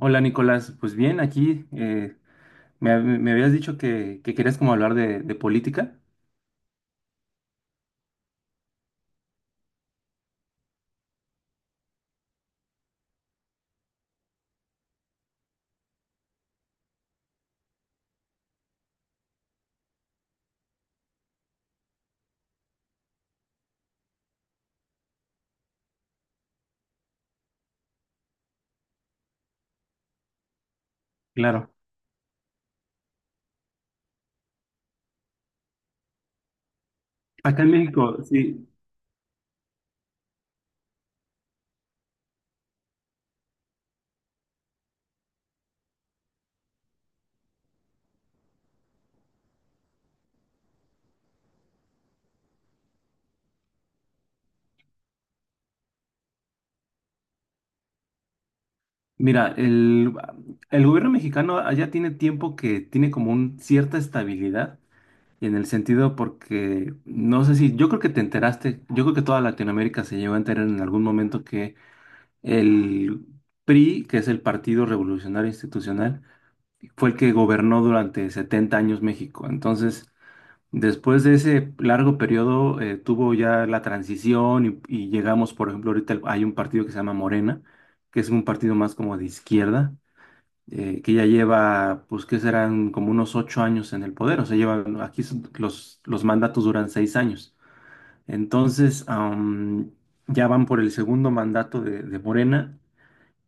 Hola Nicolás, pues bien, aquí me, me habías dicho que querías como hablar de política. Claro. Acá en México, sí. Mira, el gobierno mexicano allá tiene tiempo que tiene como un cierta estabilidad en el sentido porque no sé, si, yo creo que te enteraste, yo creo que toda Latinoamérica se llegó a enterar en algún momento que el PRI, que es el Partido Revolucionario Institucional, fue el que gobernó durante 70 años México. Entonces, después de ese largo periodo, tuvo ya la transición y llegamos, por ejemplo, ahorita hay un partido que se llama Morena, que es un partido más como de izquierda, que ya lleva, pues, que serán como unos 8 años en el poder. O sea, llevan, los mandatos duran 6 años. Entonces, ya van por el segundo mandato de Morena,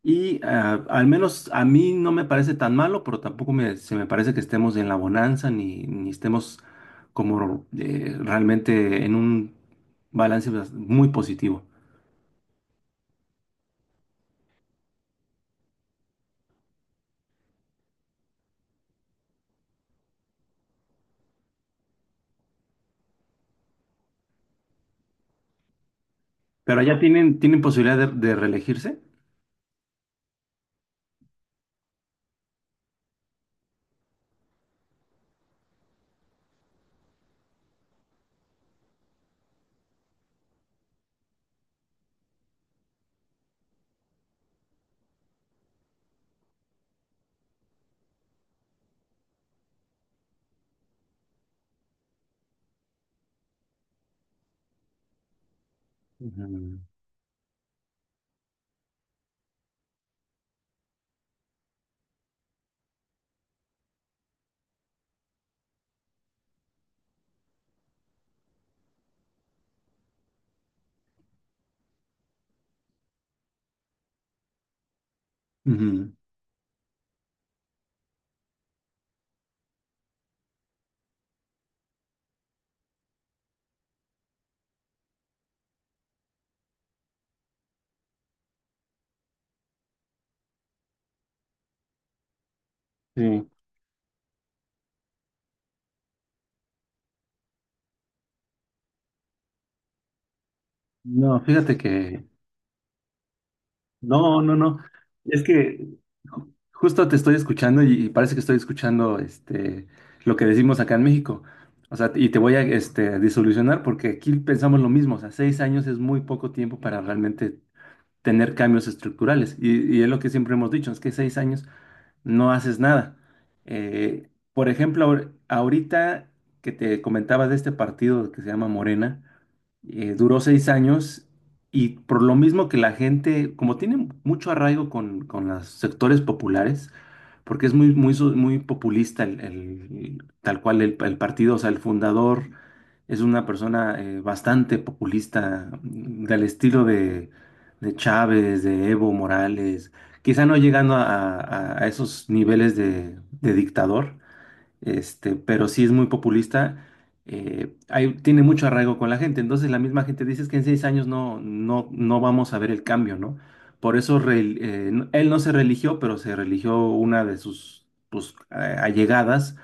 y al menos a mí no me parece tan malo, pero tampoco se me parece que estemos en la bonanza, ni estemos como, realmente en un balance muy positivo. Pero allá tienen posibilidad de reelegirse. Ujú. Ujú. Sí. No, fíjate que. No, no, no. Es que justo te estoy escuchando, y parece que estoy escuchando, lo que decimos acá en México. O sea, y te voy a, disolucionar porque aquí pensamos lo mismo. O sea, 6 años es muy poco tiempo para realmente tener cambios estructurales. Y es lo que siempre hemos dicho, es que 6 años no haces nada. Por ejemplo, ahorita que te comentaba de este partido que se llama Morena, duró 6 años, y por lo mismo que la gente, como tiene mucho arraigo con los sectores populares, porque es muy, muy, muy populista el, tal cual el partido. O sea, el fundador es una persona, bastante populista, del estilo de Chávez, de Evo Morales, quizá no llegando a, a esos niveles de dictador, pero sí es muy populista. Tiene mucho arraigo con la gente. Entonces la misma gente dice: "Es que en 6 años no, no, no vamos a ver el cambio, ¿no?". Por eso, él no se religió, pero se religió una de sus, pues, allegadas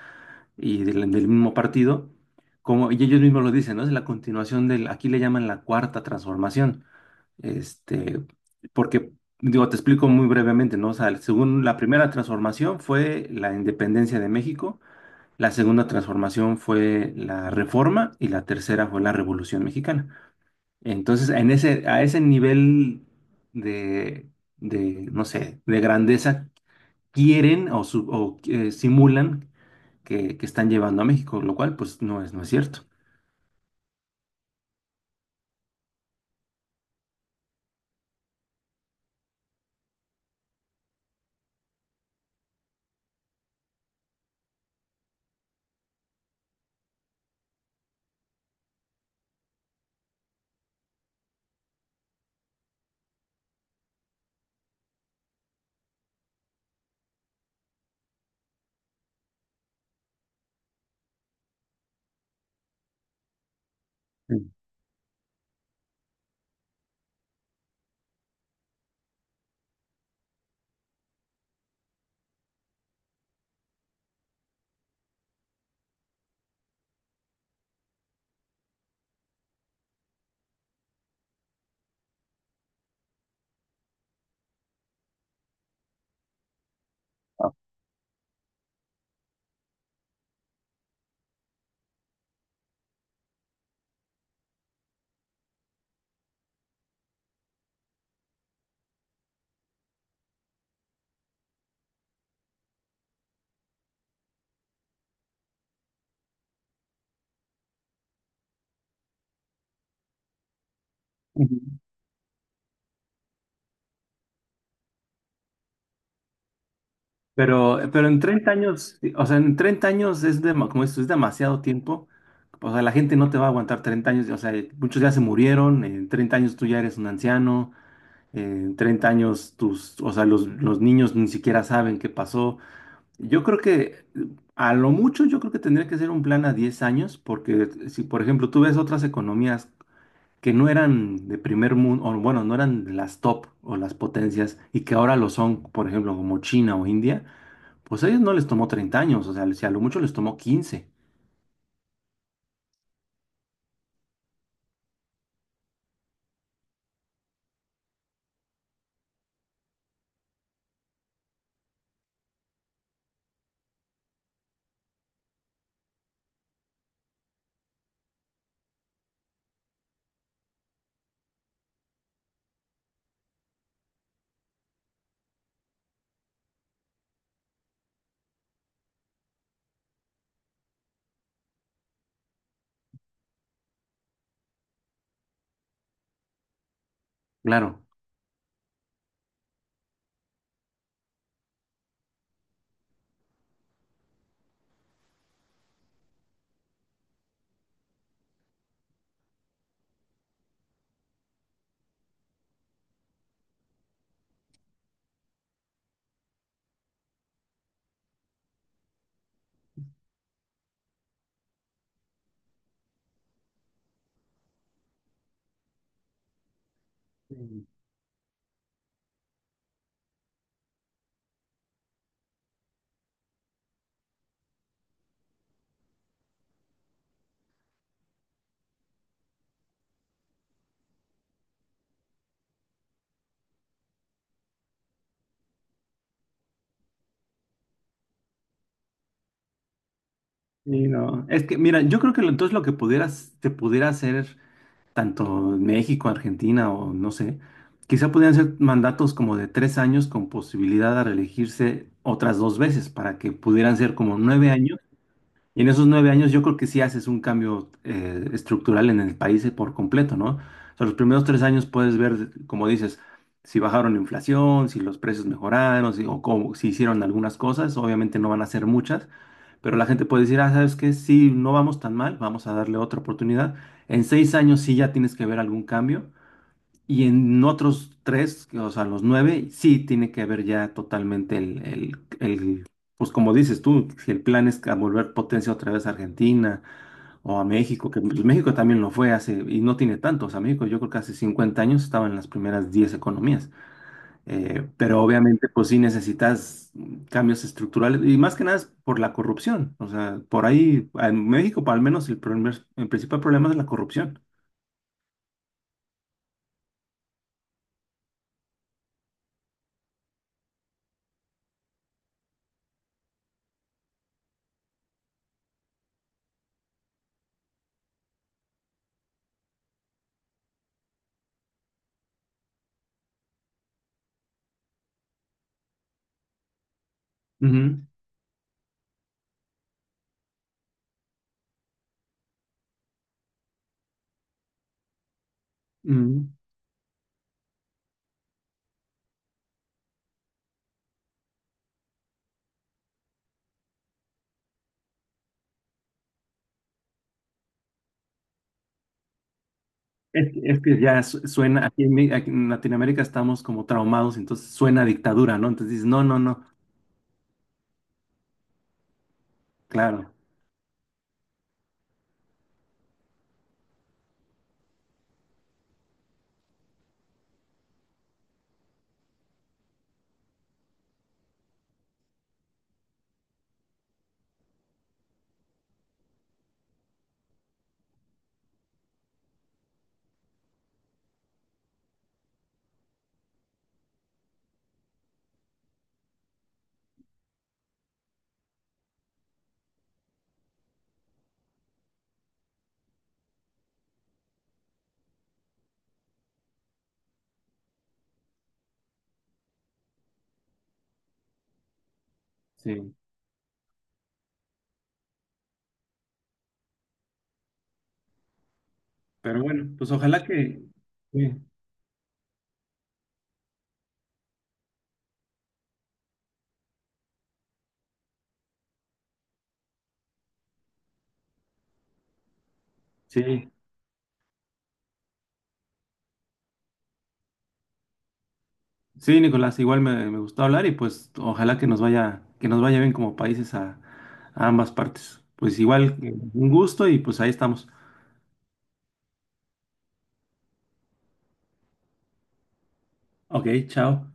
y del mismo partido. Como, y ellos mismos lo dicen, ¿no? Es la continuación del, aquí le llaman, la cuarta transformación. Este, porque, digo, te explico muy brevemente, ¿no? O sea, según, la primera transformación fue la independencia de México, la segunda transformación fue la Reforma, y la tercera fue la Revolución Mexicana. Entonces, en ese, a ese nivel de, no sé, de grandeza quieren, o, simulan que están llevando a México, lo cual pues, no es cierto. Sí. Ah, ujú. Pero, en 30 años, sí. O sea, en 30 años es, como esto, es demasiado tiempo. O sea, la gente no te va a aguantar 30 años. O sea, muchos ya se murieron. En 30 años tú ya eres un anciano. En 30 años, o sea, los niños ni siquiera saben qué pasó. Yo creo que, a lo mucho yo creo que tendría que ser un plan a 10 años, porque si, por ejemplo, tú ves otras economías que no eran de primer mundo, o bueno, no eran las top o las potencias, y que ahora lo son, por ejemplo, como China o India, pues a ellos no les tomó 30 años. O sea, si a lo mucho, les tomó 15. Claro. Mm. Sí, no. Es que, mira, yo creo que entonces lo que te pudiera hacer tanto en México, Argentina, o no sé, quizá podrían ser mandatos como de 3 años, con posibilidad de reelegirse otras dos veces, para que pudieran ser como 9 años. Y en esos 9 años yo creo que sí haces un cambio, estructural en el país, por completo, ¿no? O sea, los primeros 3 años puedes ver, como dices, si bajaron la inflación, si los precios mejoraron, si, si hicieron algunas cosas, obviamente no van a ser muchas, pero la gente puede decir: "Ah, ¿sabes qué? Sí, no vamos tan mal, vamos a darle otra oportunidad". En seis años sí ya tienes que ver algún cambio. Y en otros tres, o sea, los nueve, sí tiene que ver ya totalmente el, pues como dices tú, si el plan es a volver potencia otra vez a Argentina o a México, que pues, México también lo fue hace, y no tiene tanto. O sea, México yo creo que hace 50 años estaba en las primeras 10 economías. Pero obviamente, pues sí necesitas, cambios estructurales, y más que nada es por la corrupción. O sea, por ahí, en México, al menos, el principal problema es la corrupción. Ujú, ujú. Es que ya suena, aquí en Latinoamérica estamos como traumados, entonces suena a dictadura, ¿no? Entonces dices: "No, no, no, claro, sí". Pero bueno, pues ojalá que. Sí, sí, sí, Nicolás, igual me gustó hablar, y pues ojalá que que nos vaya bien como países, a ambas partes. Pues igual, un gusto y pues ahí estamos. Ok, chao.